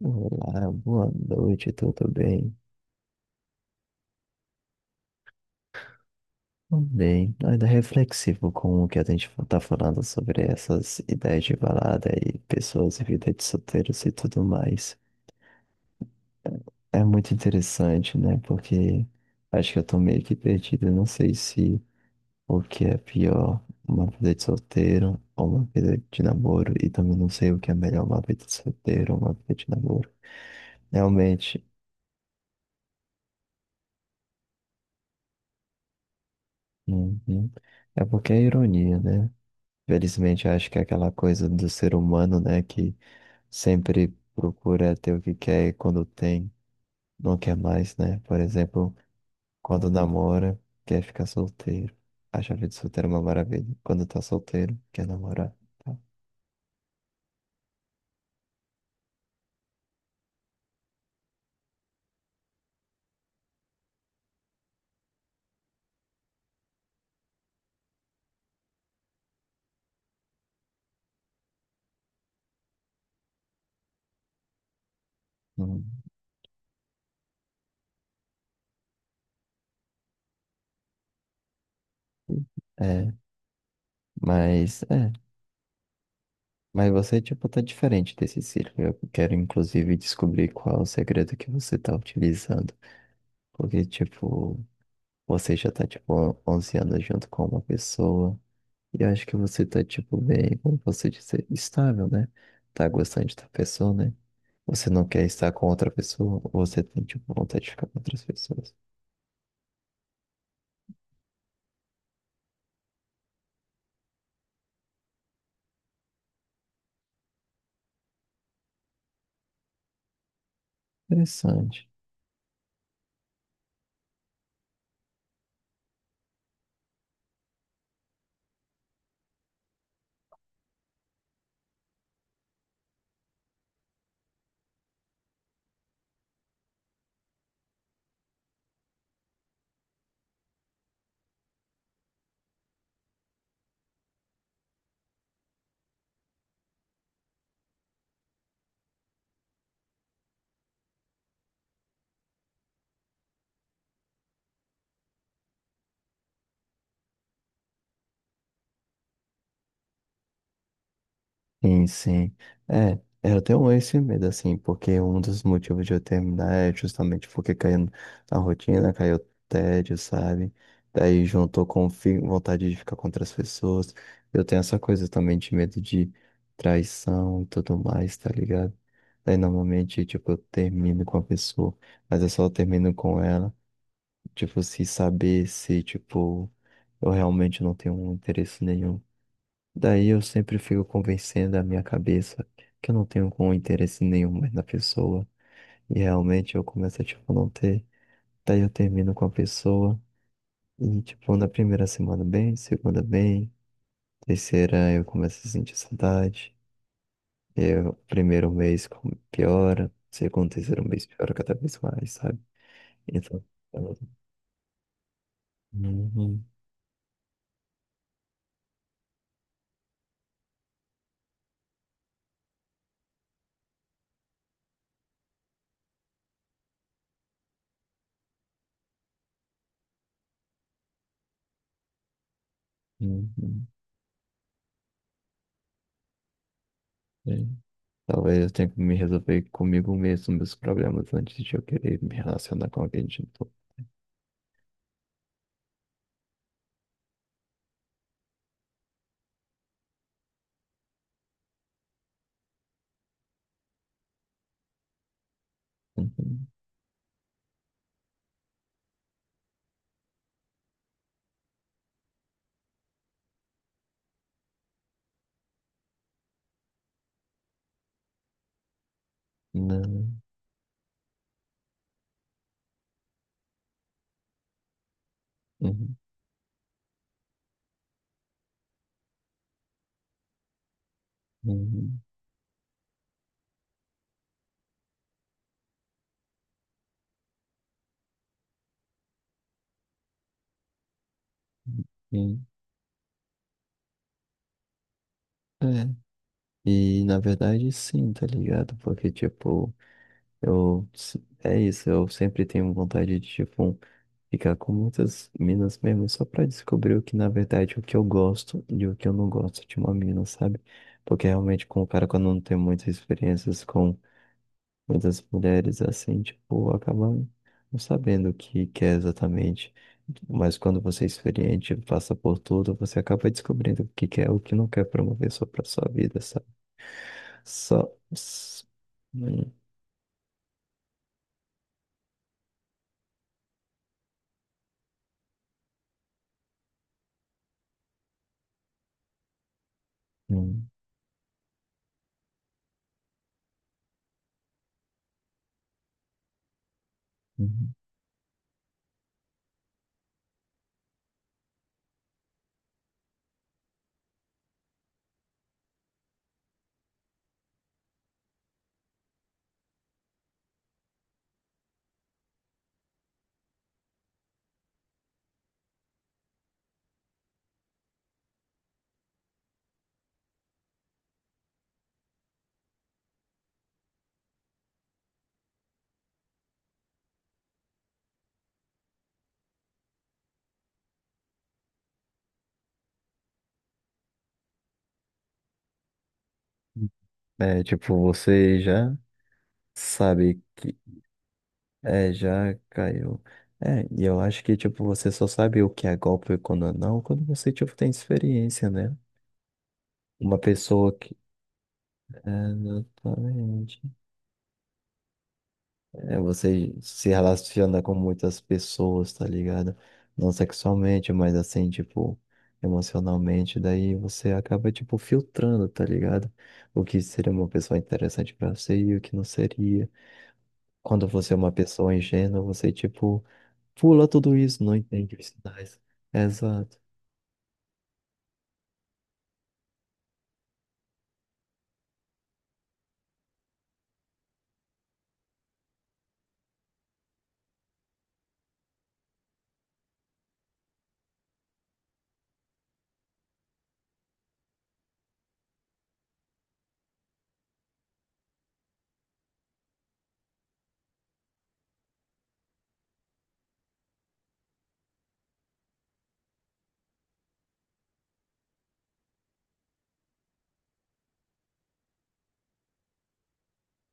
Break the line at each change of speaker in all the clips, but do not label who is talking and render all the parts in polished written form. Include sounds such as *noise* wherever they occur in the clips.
Olá, boa noite, tudo bem? Tudo bem, ainda reflexivo com o que a gente tá falando sobre essas ideias de balada e pessoas e vida de solteiros e tudo mais. É muito interessante, né? Porque acho que eu tô meio que perdido, eu não sei se o que é pior, uma vida de solteiro ou uma vida de namoro, e também não sei o que é melhor, uma vida de solteiro ou uma vida de namoro. Realmente. Uhum. É porque é ironia, né? Felizmente, eu acho que é aquela coisa do ser humano, né, que sempre procura ter o que quer e quando tem, não quer mais, né? Por exemplo, quando namora, quer ficar solteiro. Acha a vida solteira uma maravilha. Quando tá solteiro, quer namorar. Tá? Hum. É, é, mas você tipo tá diferente desse círculo. Eu quero inclusive descobrir qual é o segredo que você tá utilizando, porque tipo você já tá, tipo, 11 anos junto com uma pessoa. E eu acho que você tá, tipo, bem, como você disse, estável, né? Tá gostando de outra pessoa, né? Você não quer estar com outra pessoa, você tem, tipo, vontade de ficar com outras pessoas. Interessante. Sim, sim. É, eu tenho esse medo, assim, porque um dos motivos de eu terminar é justamente porque caiu na rotina, caiu tédio, sabe? Daí juntou com vontade de ficar com outras pessoas. Eu tenho essa coisa também de medo de traição e tudo mais, tá ligado? Daí normalmente, tipo, eu termino com a pessoa, mas eu só termino com ela, tipo, se saber se, tipo, eu realmente não tenho interesse nenhum. Daí eu sempre fico convencendo a minha cabeça que eu não tenho com interesse nenhum mais na pessoa. E realmente eu começo a, tipo, não ter. Daí eu termino com a pessoa. E, tipo, na primeira semana bem, segunda bem, terceira eu começo a sentir saudade. Eu, primeiro mês piora, segundo, terceiro mês piora cada vez mais, sabe? Então, eu- Uhum, uhum, é. Talvez eu tenha que me resolver comigo mesmo meus problemas antes de eu querer me relacionar com alguém de novo. Uhum. Não. Uhum. Uhum. Uhum. É. E na verdade sim, tá ligado? Porque tipo, eu se- é isso, eu sempre tenho vontade de tipo ficar com muitas minas mesmo só pra descobrir o que na verdade o que eu gosto e o que eu não gosto de uma mina, sabe? Porque realmente com o cara quando não tem muitas experiências com... Mas as mulheres, assim, tipo, acabam não sabendo o que que é exatamente. Mas quando você é experiente, passa por tudo, você acaba descobrindo o que quer, o que não quer promover só para sua vida, sabe? Só. Hum, hum, hum. É, tipo, você já sabe que. É, já caiu. É, e eu acho que, tipo, você só sabe o que é golpe e quando não, quando você, tipo, tem experiência, né? Uma pessoa que. É, exatamente. É, você se relaciona com muitas pessoas, tá ligado? Não sexualmente, mas assim, tipo, emocionalmente. Daí você acaba, tipo, filtrando, tá ligado? O que seria uma pessoa interessante pra você e o que não seria. Quando você é uma pessoa ingênua, você, tipo, pula tudo isso, não entende os sinais. Exato.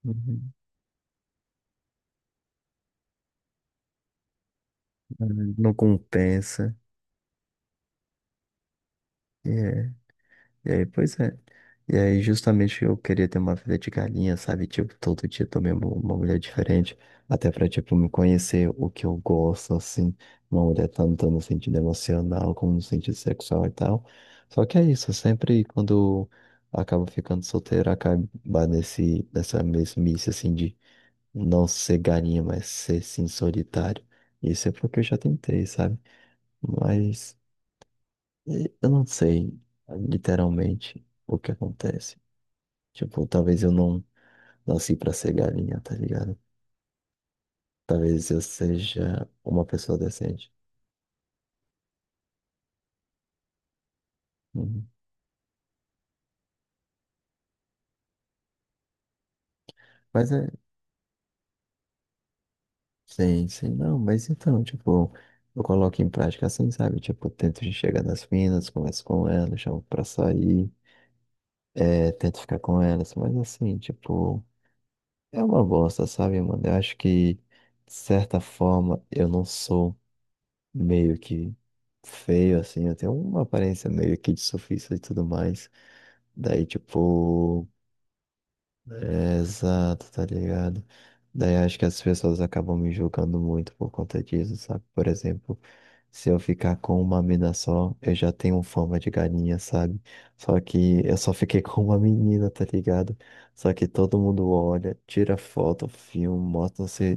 Uhum. Não compensa. É. E aí, pois é. E aí, justamente eu queria ter uma vida de galinha, sabe? Tipo, todo dia eu mesmo uma mulher diferente, até pra, tipo, me conhecer o que eu gosto, assim. Uma mulher tanto no sentido emocional como no sentido sexual e tal. Só que é isso, sempre quando eu acabo ficando solteiro, acaba nessa mesmice, assim, de não ser galinha, mas ser, sim, solitário. Isso é porque eu já tentei, sabe? Mas. E eu não sei, literalmente, o que acontece. Tipo, talvez eu não nasci pra ser galinha, tá ligado? Talvez eu seja uma pessoa decente. Uhum. Mas é, sim, sim, não, mas então, tipo, eu coloco em prática assim, sabe? Tipo, eu tento chegar nas minas, converso com elas, chamo pra sair, tento ficar com elas, mas assim, tipo, é uma bosta, sabe, mano? Eu acho que, de certa forma, eu não sou meio que feio, assim, eu tenho uma aparência meio que de surfista e tudo mais. Daí, tipo. É, exato, tá ligado? Daí acho que as pessoas acabam me julgando muito por conta disso, sabe? Por exemplo, se eu ficar com uma mina só, eu já tenho fama de galinha, sabe? Só que eu só fiquei *laughs* com uma menina, tá ligado? Só que todo mundo olha, tira foto, filma, mostra se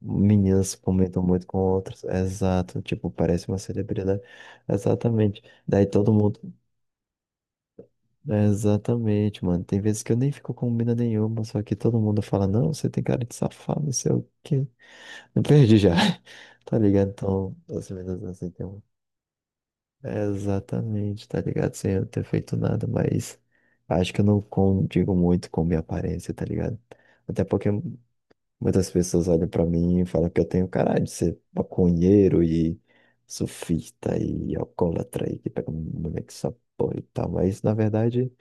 meninas comentam muito com outras. Exato, tipo, parece uma celebridade. Exatamente. Daí todo mundo é, exatamente, mano. Tem vezes que eu nem fico com mina nenhuma, só que todo mundo fala, não, você tem cara de safado, não sei o quê. Eu perdi já, *laughs* tá ligado? Então, as minas assim tem um... É, exatamente, tá ligado? Sem eu ter feito nada, mas acho que eu não condigo muito com minha aparência, tá ligado? Até porque muitas pessoas olham pra mim e falam que eu tenho cara de ser maconheiro e sufista e alcoólatra e que pega mulher que só porra e tal, mas na verdade...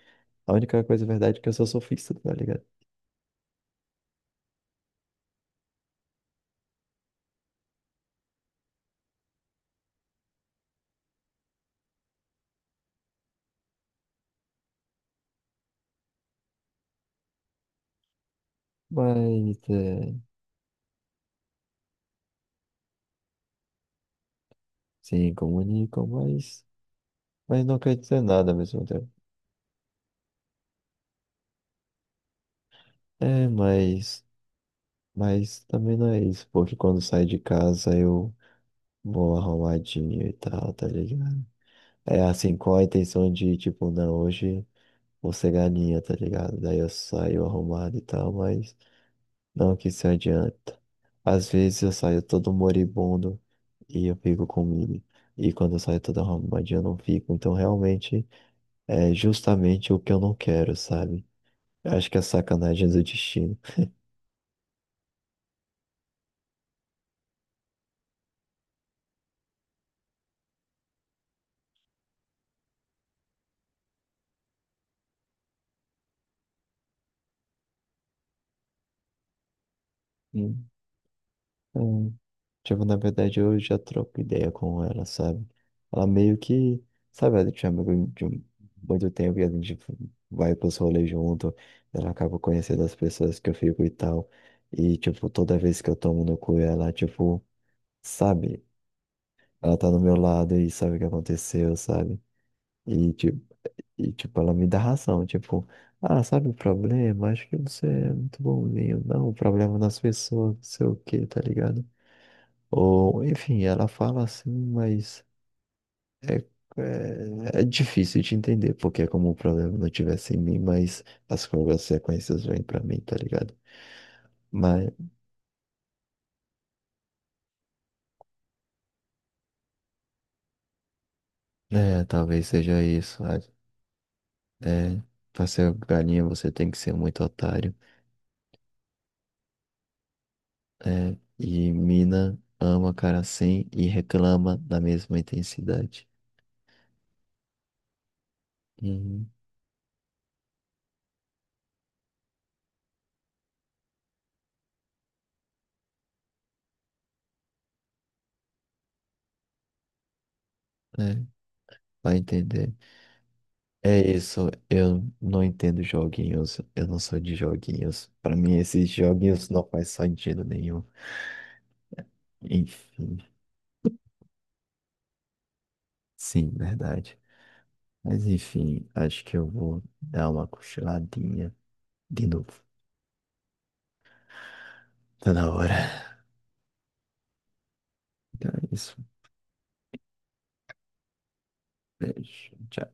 A única coisa verdade é que eu sou sofista, tá ligado? Mas, é, sim, comunicam, mas não quer dizer nada ao mesmo tempo. É, mas também não é isso, porque quando saio de casa eu vou arrumadinho e tal, tá ligado? É assim, com a intenção de, tipo, não, hoje vou ser galinha, tá ligado? Daí eu saio arrumado e tal, mas não que se adianta. Às vezes eu saio todo moribundo e eu fico comigo. E quando eu saio todo arrumadinho eu não fico. Então realmente é justamente o que eu não quero, sabe? Eu acho que é sacanagem do destino. Hum. É. Tipo, na verdade eu já troco ideia com ela, sabe? Ela meio que, sabe, ela tinha amigo de um, muito tempo e a gente vai pros rolês junto. Ela acaba conhecendo as pessoas que eu fico e tal. E, tipo, toda vez que eu tomo no cu ela, tipo, sabe? Ela tá do meu lado e sabe o que aconteceu, sabe? E tipo, e tipo, ela me dá razão, tipo, ah, sabe o problema? Acho que você é muito bonzinho, não, o problema é das pessoas, não sei o quê, tá ligado? Ou, enfim, ela fala assim, mas é, é difícil de entender, porque é como o problema não tivesse em mim, mas as consequências vêm pra mim, tá ligado? Mas, é, talvez seja isso, sabe? É, pra ser galinha você tem que ser muito otário. É, e mina ama cara assim e reclama da mesma intensidade. Uhum, é, vai entender. É isso, eu não entendo joguinhos, eu não sou de joguinhos. Pra mim, esses joguinhos não faz sentido nenhum. Enfim, sim, verdade. Mas enfim, acho que eu vou dar uma cochiladinha de novo. Tá na hora. Então é isso. Beijo. Tchau.